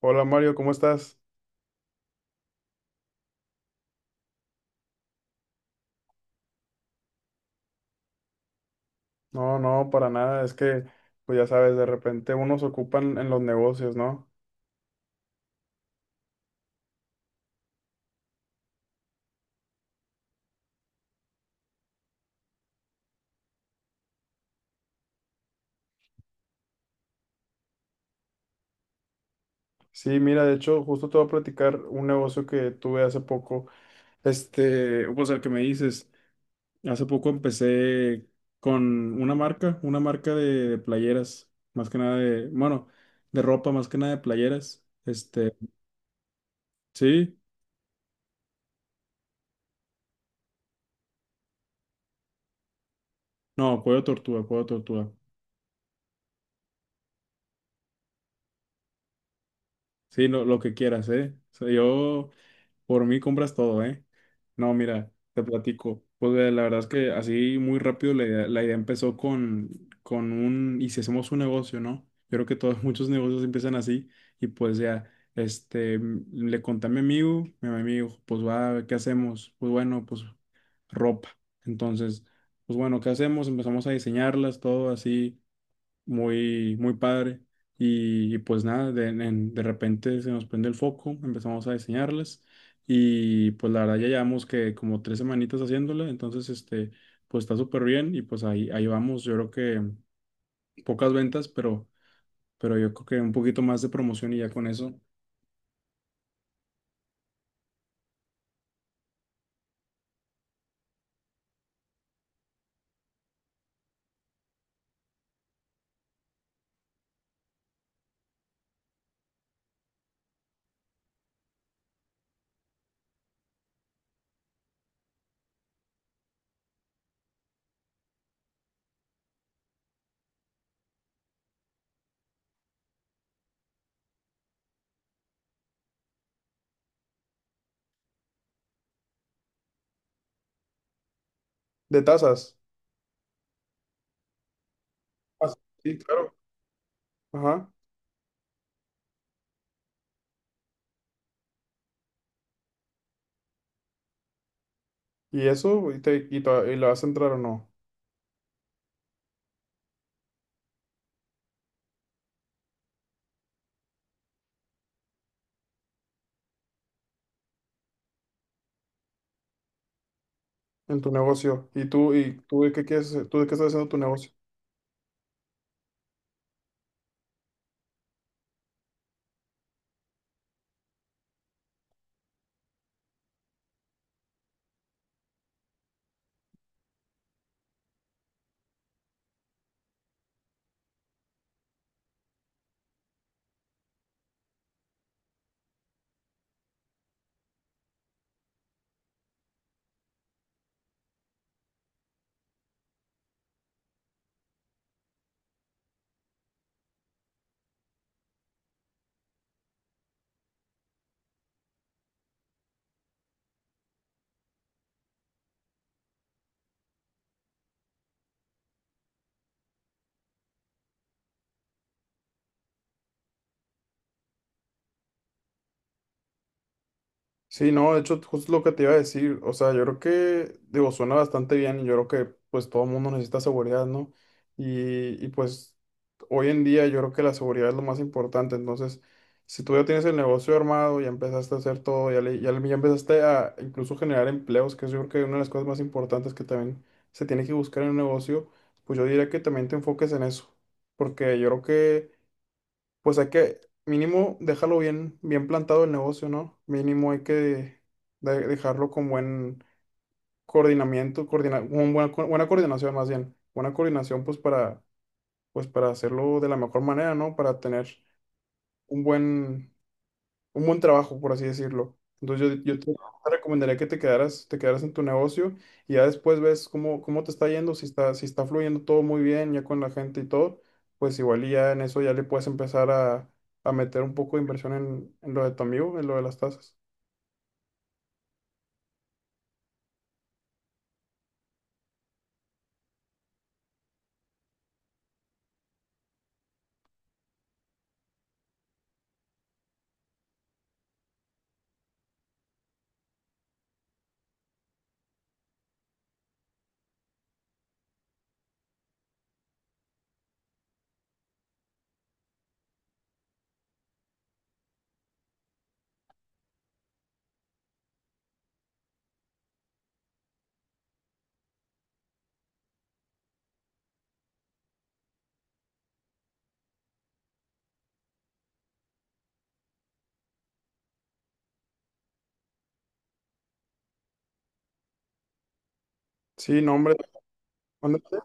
Hola Mario, ¿cómo estás? No, no, para nada, es que, pues ya sabes, de repente unos ocupan en los negocios, ¿no? Sí, mira, de hecho, justo te voy a platicar un negocio que tuve hace poco, pues el que me dices, hace poco empecé con una marca de playeras, más que nada de, bueno, de ropa, más que nada de playeras, sí, no, cuello tortuga, sí, lo que quieras, ¿eh? O sea, yo... Por mí compras todo, ¿eh? No, mira, te platico. Pues la verdad es que así muy rápido la idea empezó con un, y si hacemos un negocio, ¿no? Yo creo que todos, muchos negocios empiezan así y pues ya, le conté a mi amigo, pues va, ¿qué hacemos? Pues bueno, pues ropa. Entonces, pues bueno, ¿qué hacemos? Empezamos a diseñarlas, todo así, muy, muy padre. Y pues nada, de repente se nos prende el foco, empezamos a diseñarlas y pues la verdad ya llevamos que como tres semanitas haciéndola, entonces pues está súper bien y pues ahí, ahí vamos, yo creo que pocas ventas, pero yo creo que un poquito más de promoción y ya con eso. De tazas. Ah, sí, claro. Ajá. ¿Y eso? ¿ y lo vas a entrar o no? En tu negocio. Y tú de qué quieres, tú de qué estás haciendo tu negocio? Sí, no, de hecho, justo lo que te iba a decir, o sea, yo creo que, digo, suena bastante bien y yo creo que, pues, todo el mundo necesita seguridad, ¿no? Pues, hoy en día yo creo que la seguridad es lo más importante, entonces, si tú ya tienes el negocio armado, ya empezaste a hacer todo, ya empezaste a incluso generar empleos, que es yo creo que una de las cosas más importantes que también se tiene que buscar en un negocio, pues yo diría que también te enfoques en eso, porque yo creo que pues hay que mínimo dejarlo bien, bien plantado el negocio, ¿no? Mínimo hay que dejarlo con buen coordinamiento, con buena, buena coordinación más bien, buena coordinación pues para, pues para hacerlo de la mejor manera, ¿no? Para tener un buen, un buen trabajo, por así decirlo. Entonces yo te, te recomendaría que te quedaras en tu negocio y ya después ves cómo, cómo te está yendo, si está, si está fluyendo todo muy bien ya con la gente y todo, pues igual y ya en eso ya le puedes empezar a meter un poco de inversión en lo de tu amigo, en lo de las tasas. Sí, no, hombre,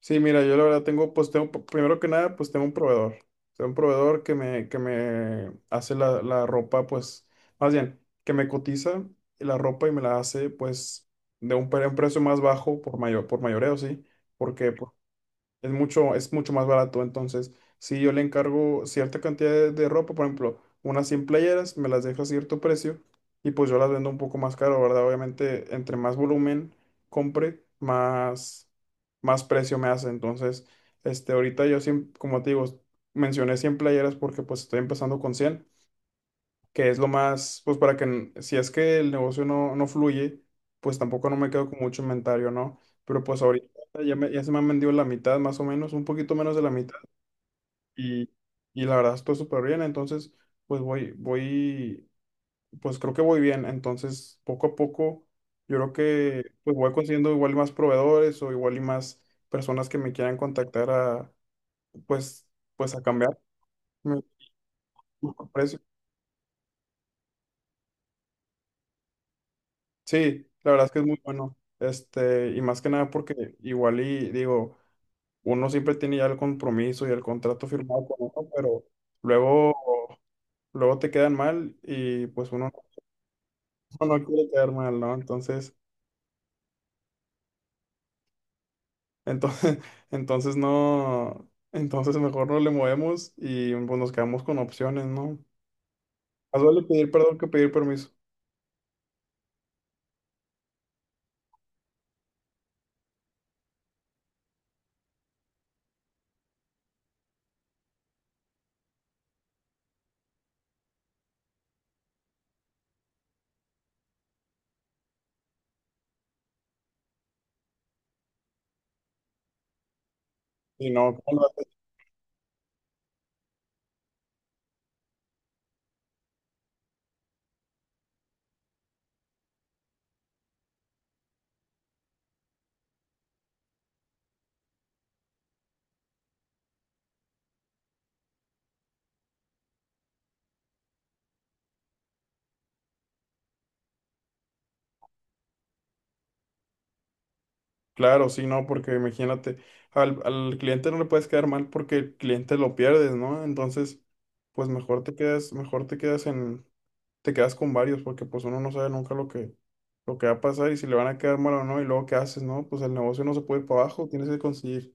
sí, mira, yo la verdad tengo, pues tengo, primero que nada, pues tengo un proveedor. Tengo un proveedor que me hace la ropa, pues, más bien, que me cotiza la ropa y me la hace, pues, de un precio más bajo por mayor, por mayoreo, sí. Porque, pues, es mucho más barato. Entonces, si yo le encargo cierta cantidad de ropa, por ejemplo, unas 100 playeras, me las deja a cierto precio y pues yo las vendo un poco más caro, ¿verdad? Obviamente, entre más volumen compre, más, más precio me hace. Entonces, ahorita yo, como te digo, mencioné 100 playeras porque pues estoy empezando con 100 que es lo más, pues para que, si es que el negocio no, no fluye, pues tampoco no me quedo con mucho inventario, ¿no? Pero pues ahorita ya, ya se me han vendido la mitad, más o menos, un poquito menos de la mitad, y, y la verdad estoy súper bien, entonces, pues voy, voy, pues creo que voy bien, entonces poco a poco, yo creo que pues voy consiguiendo igual y más proveedores o igual y más personas que me quieran contactar a, pues, pues a cambiar mi mi precio. Sí, la verdad es que es muy bueno. Este, y más que nada porque igual y digo, uno siempre tiene ya el compromiso y el contrato firmado con uno, pero luego, luego te quedan mal y pues uno, uno no quiere quedar mal, ¿no? Entonces, entonces, entonces no, entonces mejor no le movemos y pues, nos quedamos con opciones, ¿no? Más vale pedir perdón que pedir permiso. Y no, claro, sí, no, porque imagínate, al cliente no le puedes quedar mal porque el cliente lo pierdes, ¿no? Entonces, pues mejor te quedas en, te quedas con varios, porque pues uno no sabe nunca lo que, lo que va a pasar y si le van a quedar mal o no, y luego qué haces, ¿no? Pues el negocio no se puede ir para abajo, tienes que conseguir.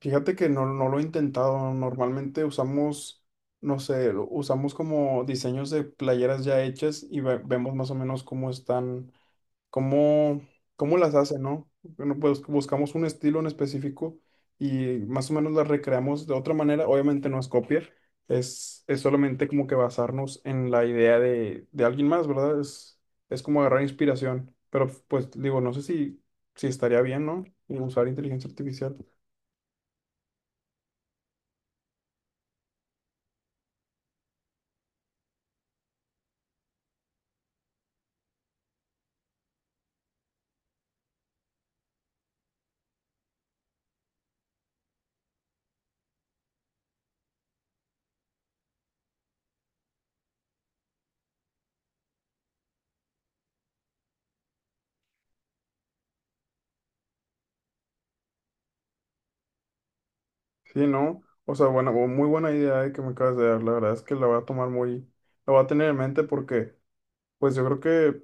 Fíjate que no, no lo he intentado, normalmente usamos, no sé, usamos como diseños de playeras ya hechas y vemos más o menos cómo están cómo, cómo las hace, ¿no? Bueno, pues buscamos un estilo en específico y más o menos las recreamos de otra manera. Obviamente no es copiar, es solamente como que basarnos en la idea de alguien más, ¿verdad? Es como agarrar inspiración, pero pues digo, no sé si, si estaría bien, ¿no? Y usar inteligencia artificial. Sí, ¿no? O sea, bueno, muy buena idea que me acabas de dar. La verdad es que la voy a tomar muy, la voy a tener en mente porque, pues yo creo que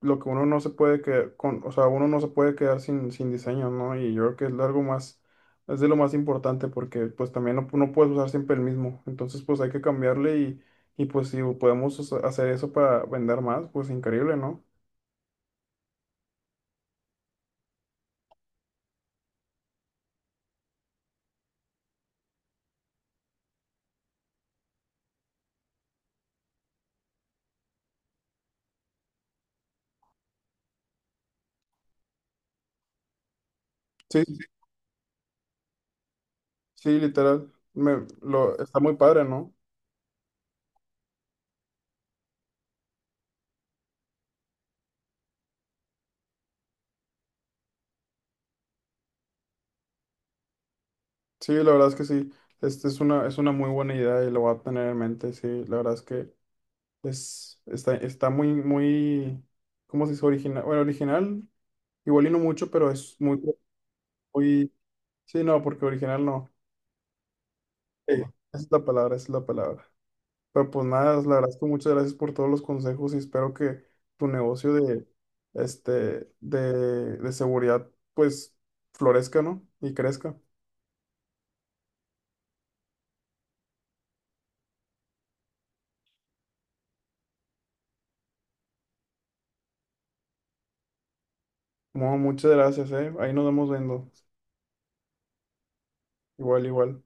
lo que uno no se puede quedar con, o sea, uno no se puede quedar sin, sin diseño, ¿no? Y yo creo que es algo más, es de lo más importante porque, pues también no, no puedes usar siempre el mismo. Entonces, pues hay que cambiarle y pues si podemos hacer eso para vender más, pues increíble, ¿no? Sí, sí, sí, literal. Me, lo, está muy padre, ¿no? Sí, la verdad es que sí. Este es una muy buena idea y lo voy a tener en mente. Sí, la verdad es que es, está, está muy, muy, ¿cómo se dice? Original. Bueno, original, igual y no mucho, pero es muy, muy, sí, no, porque original no. Sí, esa es la palabra, esa es la palabra. Pero pues nada, la verdad es que muchas gracias por todos los consejos y espero que tu negocio de, de seguridad, pues, florezca, ¿no? Y crezca. Bueno, muchas gracias, ¿eh? Ahí nos vamos viendo. Igual, igual.